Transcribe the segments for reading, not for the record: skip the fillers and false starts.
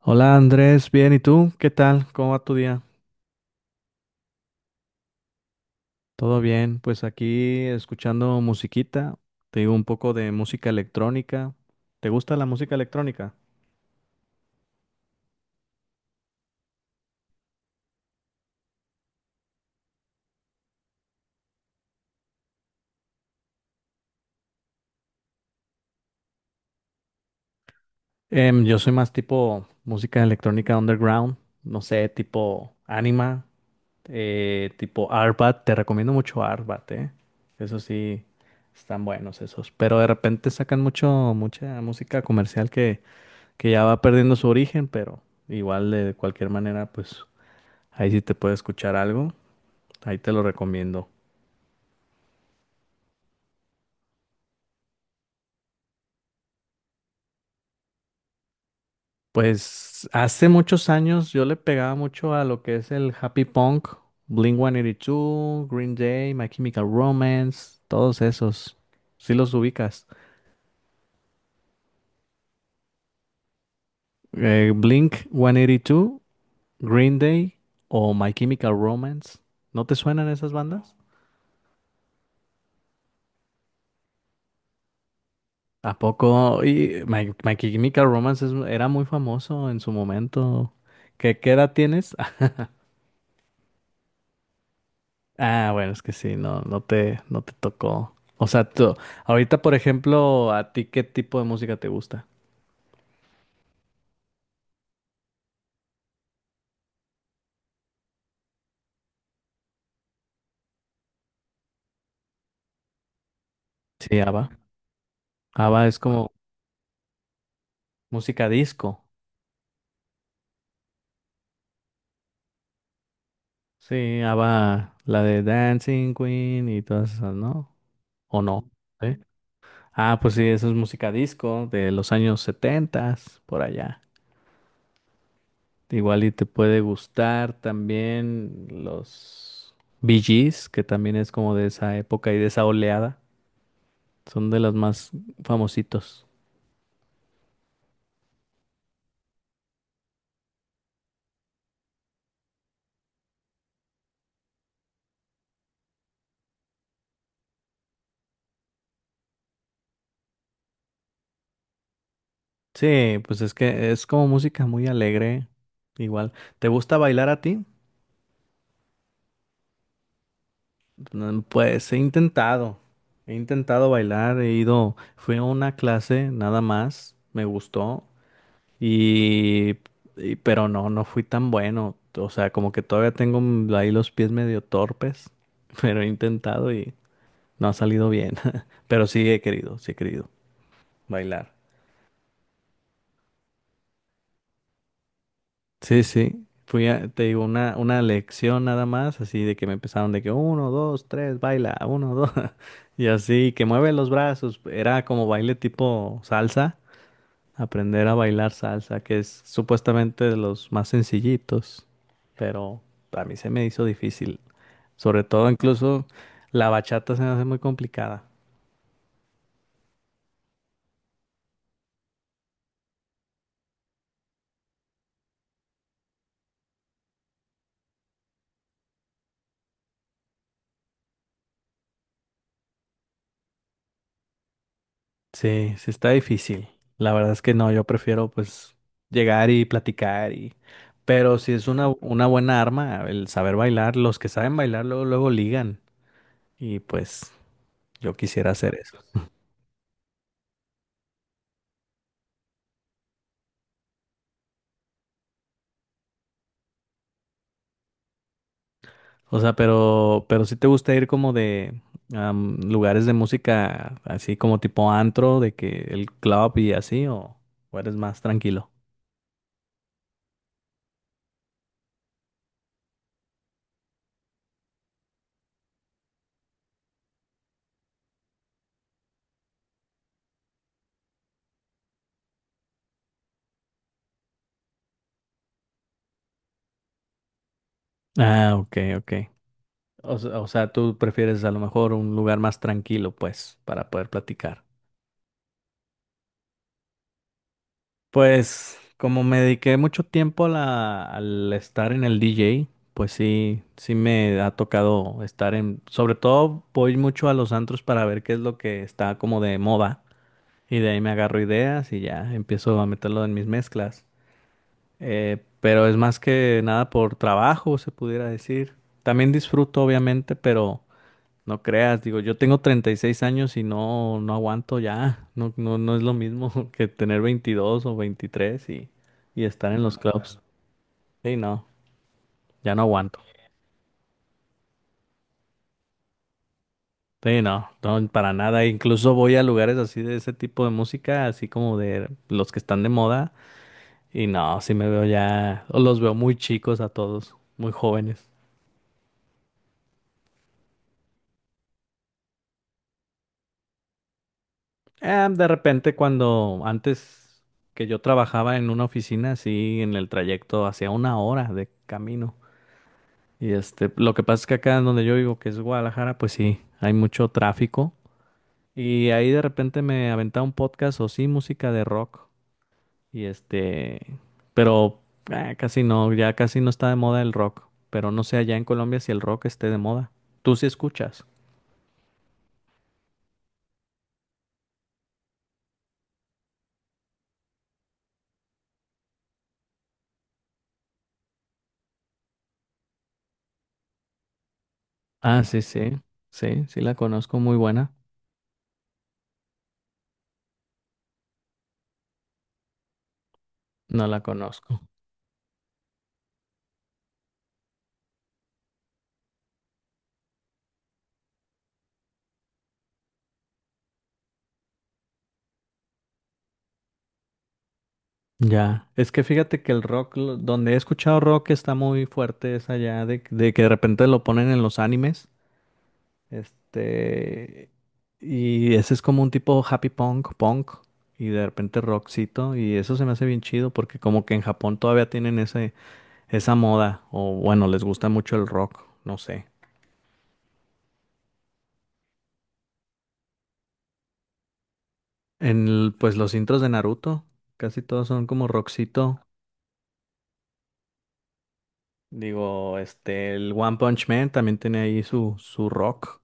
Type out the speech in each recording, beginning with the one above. Hola Andrés, bien, ¿y tú? ¿Qué tal? ¿Cómo va tu día? Todo bien, pues aquí escuchando musiquita, te digo un poco de música electrónica. ¿Te gusta la música electrónica? Yo soy más tipo música electrónica underground, no sé, tipo Anima, tipo Arbat, te recomiendo mucho Arbat, ¿eh? Eso sí, están buenos esos, pero de repente sacan mucho, mucha música comercial que, ya va perdiendo su origen, pero igual de cualquier manera, pues... Ahí sí te puede escuchar algo, ahí te lo recomiendo. Pues hace muchos años yo le pegaba mucho a lo que es el happy punk, Blink-182, Green Day, My Chemical Romance, todos esos. Si los ubicas. Blink-182, Green Day o My Chemical Romance. ¿No te suenan esas bandas? ¿A poco? Y My Chemical Romance era muy famoso en su momento. ¿Qué edad tienes? Ah, bueno, es que sí, no, no te tocó. O sea, tú, ahorita, por ejemplo, ¿a ti qué tipo de música te gusta? Sí, ABBA. ABBA es como música disco. Sí, ABBA, la de Dancing Queen y todas esas, ¿no? ¿O no? ¿Sí? Ah, pues sí, eso es música disco de los años setentas, por allá. Igual y te puede gustar también los Bee Gees, que también es como de esa época y de esa oleada. Son de los más famositos. Sí, pues es que es como música muy alegre, igual. ¿Te gusta bailar a ti? Pues he intentado bailar, he ido, fui a una clase nada más, me gustó y, pero no, no fui tan bueno. O sea, como que todavía tengo ahí los pies medio torpes, pero he intentado y no ha salido bien. Pero sí he querido bailar. Sí, sí. Fui a, una lección nada más, así de que me empezaron de que uno, dos, tres, baila, uno, dos, y así, que mueve los brazos. Era como baile tipo salsa, aprender a bailar salsa, que es supuestamente de los más sencillitos, pero a mí se me hizo difícil. Sobre todo, incluso la bachata se me hace muy complicada. Sí, sí está difícil. La verdad es que no, yo prefiero pues llegar y platicar y... Pero si es una buena arma el saber bailar, los que saben bailar luego, luego ligan y pues yo quisiera hacer eso. O sea, pero si te gusta ir como de lugares de música así como tipo antro, de que el club y así, o eres más tranquilo. Ah, ok, ok. O, o sea, tú prefieres a lo mejor un lugar más tranquilo pues para poder platicar. Pues como me dediqué mucho tiempo a al estar en el DJ, pues sí, sí me ha tocado estar en, sobre todo voy mucho a los antros para ver qué es lo que está como de moda y de ahí me agarro ideas y ya empiezo a meterlo en mis mezclas. Pero es más que nada por trabajo, se pudiera decir. También disfruto, obviamente, pero no creas, digo, yo tengo 36 años y no, no aguanto ya. No, no, no es lo mismo que tener 22 o 23 y estar en los No, clubs. Claro. Sí, no, ya no aguanto. Sí, no, no, para nada. Incluso voy a lugares así de ese tipo de música, así como de los que están de moda. Y no, sí me veo ya, o los veo muy chicos a todos, muy jóvenes. De repente cuando antes que yo trabajaba en una oficina, así en el trayecto hacía una hora de camino. Y este, lo que pasa es que acá en donde yo vivo, que es Guadalajara, pues sí, hay mucho tráfico. Y ahí de repente me aventaba un podcast o sí, música de rock. Y este, pero casi no, ya casi no está de moda el rock. Pero no sé allá en Colombia si el rock esté de moda. ¿Tú sí escuchas? Ah, sí, sí la conozco, muy buena. No la conozco. Ya, es que fíjate que el rock, donde he escuchado rock está muy fuerte, es allá de que de repente lo ponen en los animes. Este, y ese es como un tipo happy punk, punk, y de repente rockcito, y eso se me hace bien chido porque como que en Japón todavía tienen ese, esa moda, o bueno, les gusta mucho el rock, no sé. En, pues los intros de Naruto, casi todos son como rockcito. Digo, este, el One Punch Man también tiene ahí su, su rock.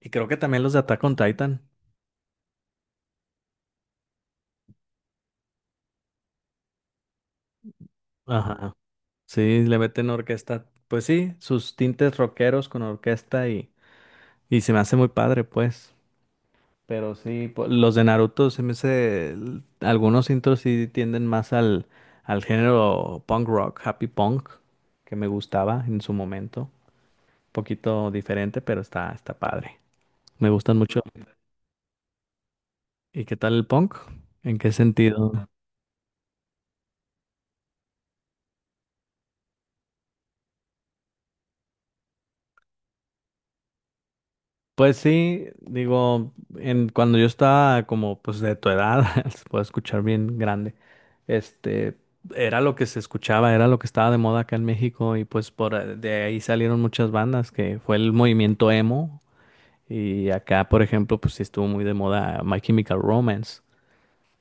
Y creo que también los de Attack on Titan. Ajá. Sí, le meten orquesta. Pues sí, sus tintes rockeros con orquesta. Y se me hace muy padre, pues. Pero sí, los de Naruto se me hace. Algunos intros sí tienden más al, al género punk rock, happy punk, que me gustaba en su momento. Poquito diferente, pero está, está padre. Me gustan mucho. ¿Y qué tal el punk? ¿En qué sentido? Pues sí, digo, en, cuando yo estaba como pues de tu edad, se puede escuchar bien grande, este, era lo que se escuchaba, era lo que estaba de moda acá en México y pues por de ahí salieron muchas bandas, que fue el movimiento emo y acá, por ejemplo, pues sí estuvo muy de moda My Chemical Romance,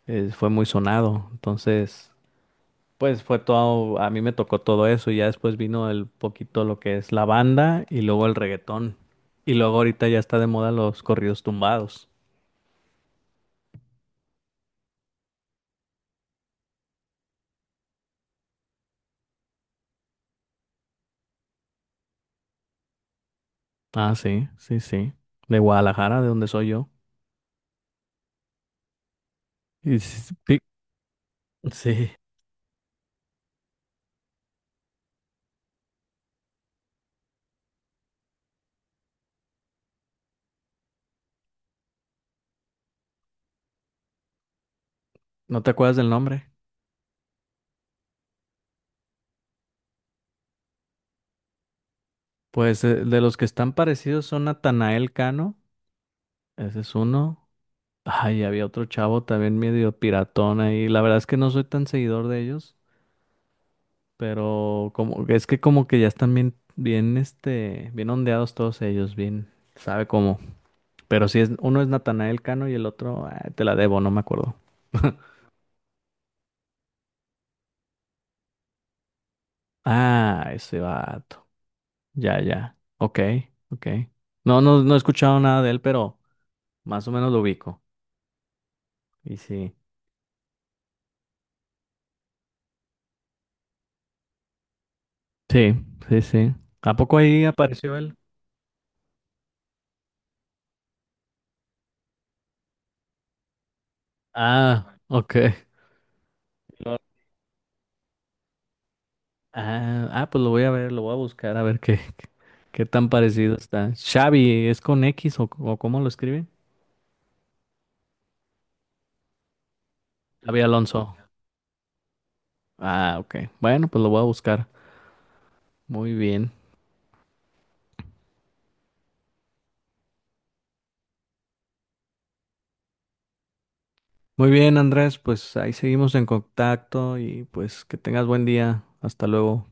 fue muy sonado, entonces... Pues fue todo, a mí me tocó todo eso y ya después vino el poquito lo que es la banda y luego el reggaetón. Y luego ahorita ya está de moda los corridos tumbados. Ah, sí, sí, sí. De Guadalajara, de donde soy yo. Y sí, ¿no te acuerdas del nombre? Pues de los que están parecidos son Natanael Cano, ese es uno. Ay, había otro chavo también medio piratón ahí. La verdad es que no soy tan seguidor de ellos. Pero como, es que como que ya están bien, bien, este, bien ondeados todos ellos, bien, sabe cómo. Pero si es, uno es Natanael Cano y el otro, ah, te la debo, no me acuerdo. Ah, ese vato. Ya, ya. Ok, ok. No, no, no he escuchado nada de él, pero más o menos lo ubico. Y sí. Sí, sí, sí. ¿A poco ahí apareció él? Ah, ok. Lo- Ah, ah, pues lo voy a ver, lo voy a buscar a ver qué. ¿Qué tan parecido está? Xavi, ¿es con X o cómo lo escribe? Xavi Alonso. Ah, ok. Bueno, pues lo voy a buscar. Muy bien. Muy bien, Andrés, pues ahí seguimos en contacto y pues que tengas buen día. Hasta luego.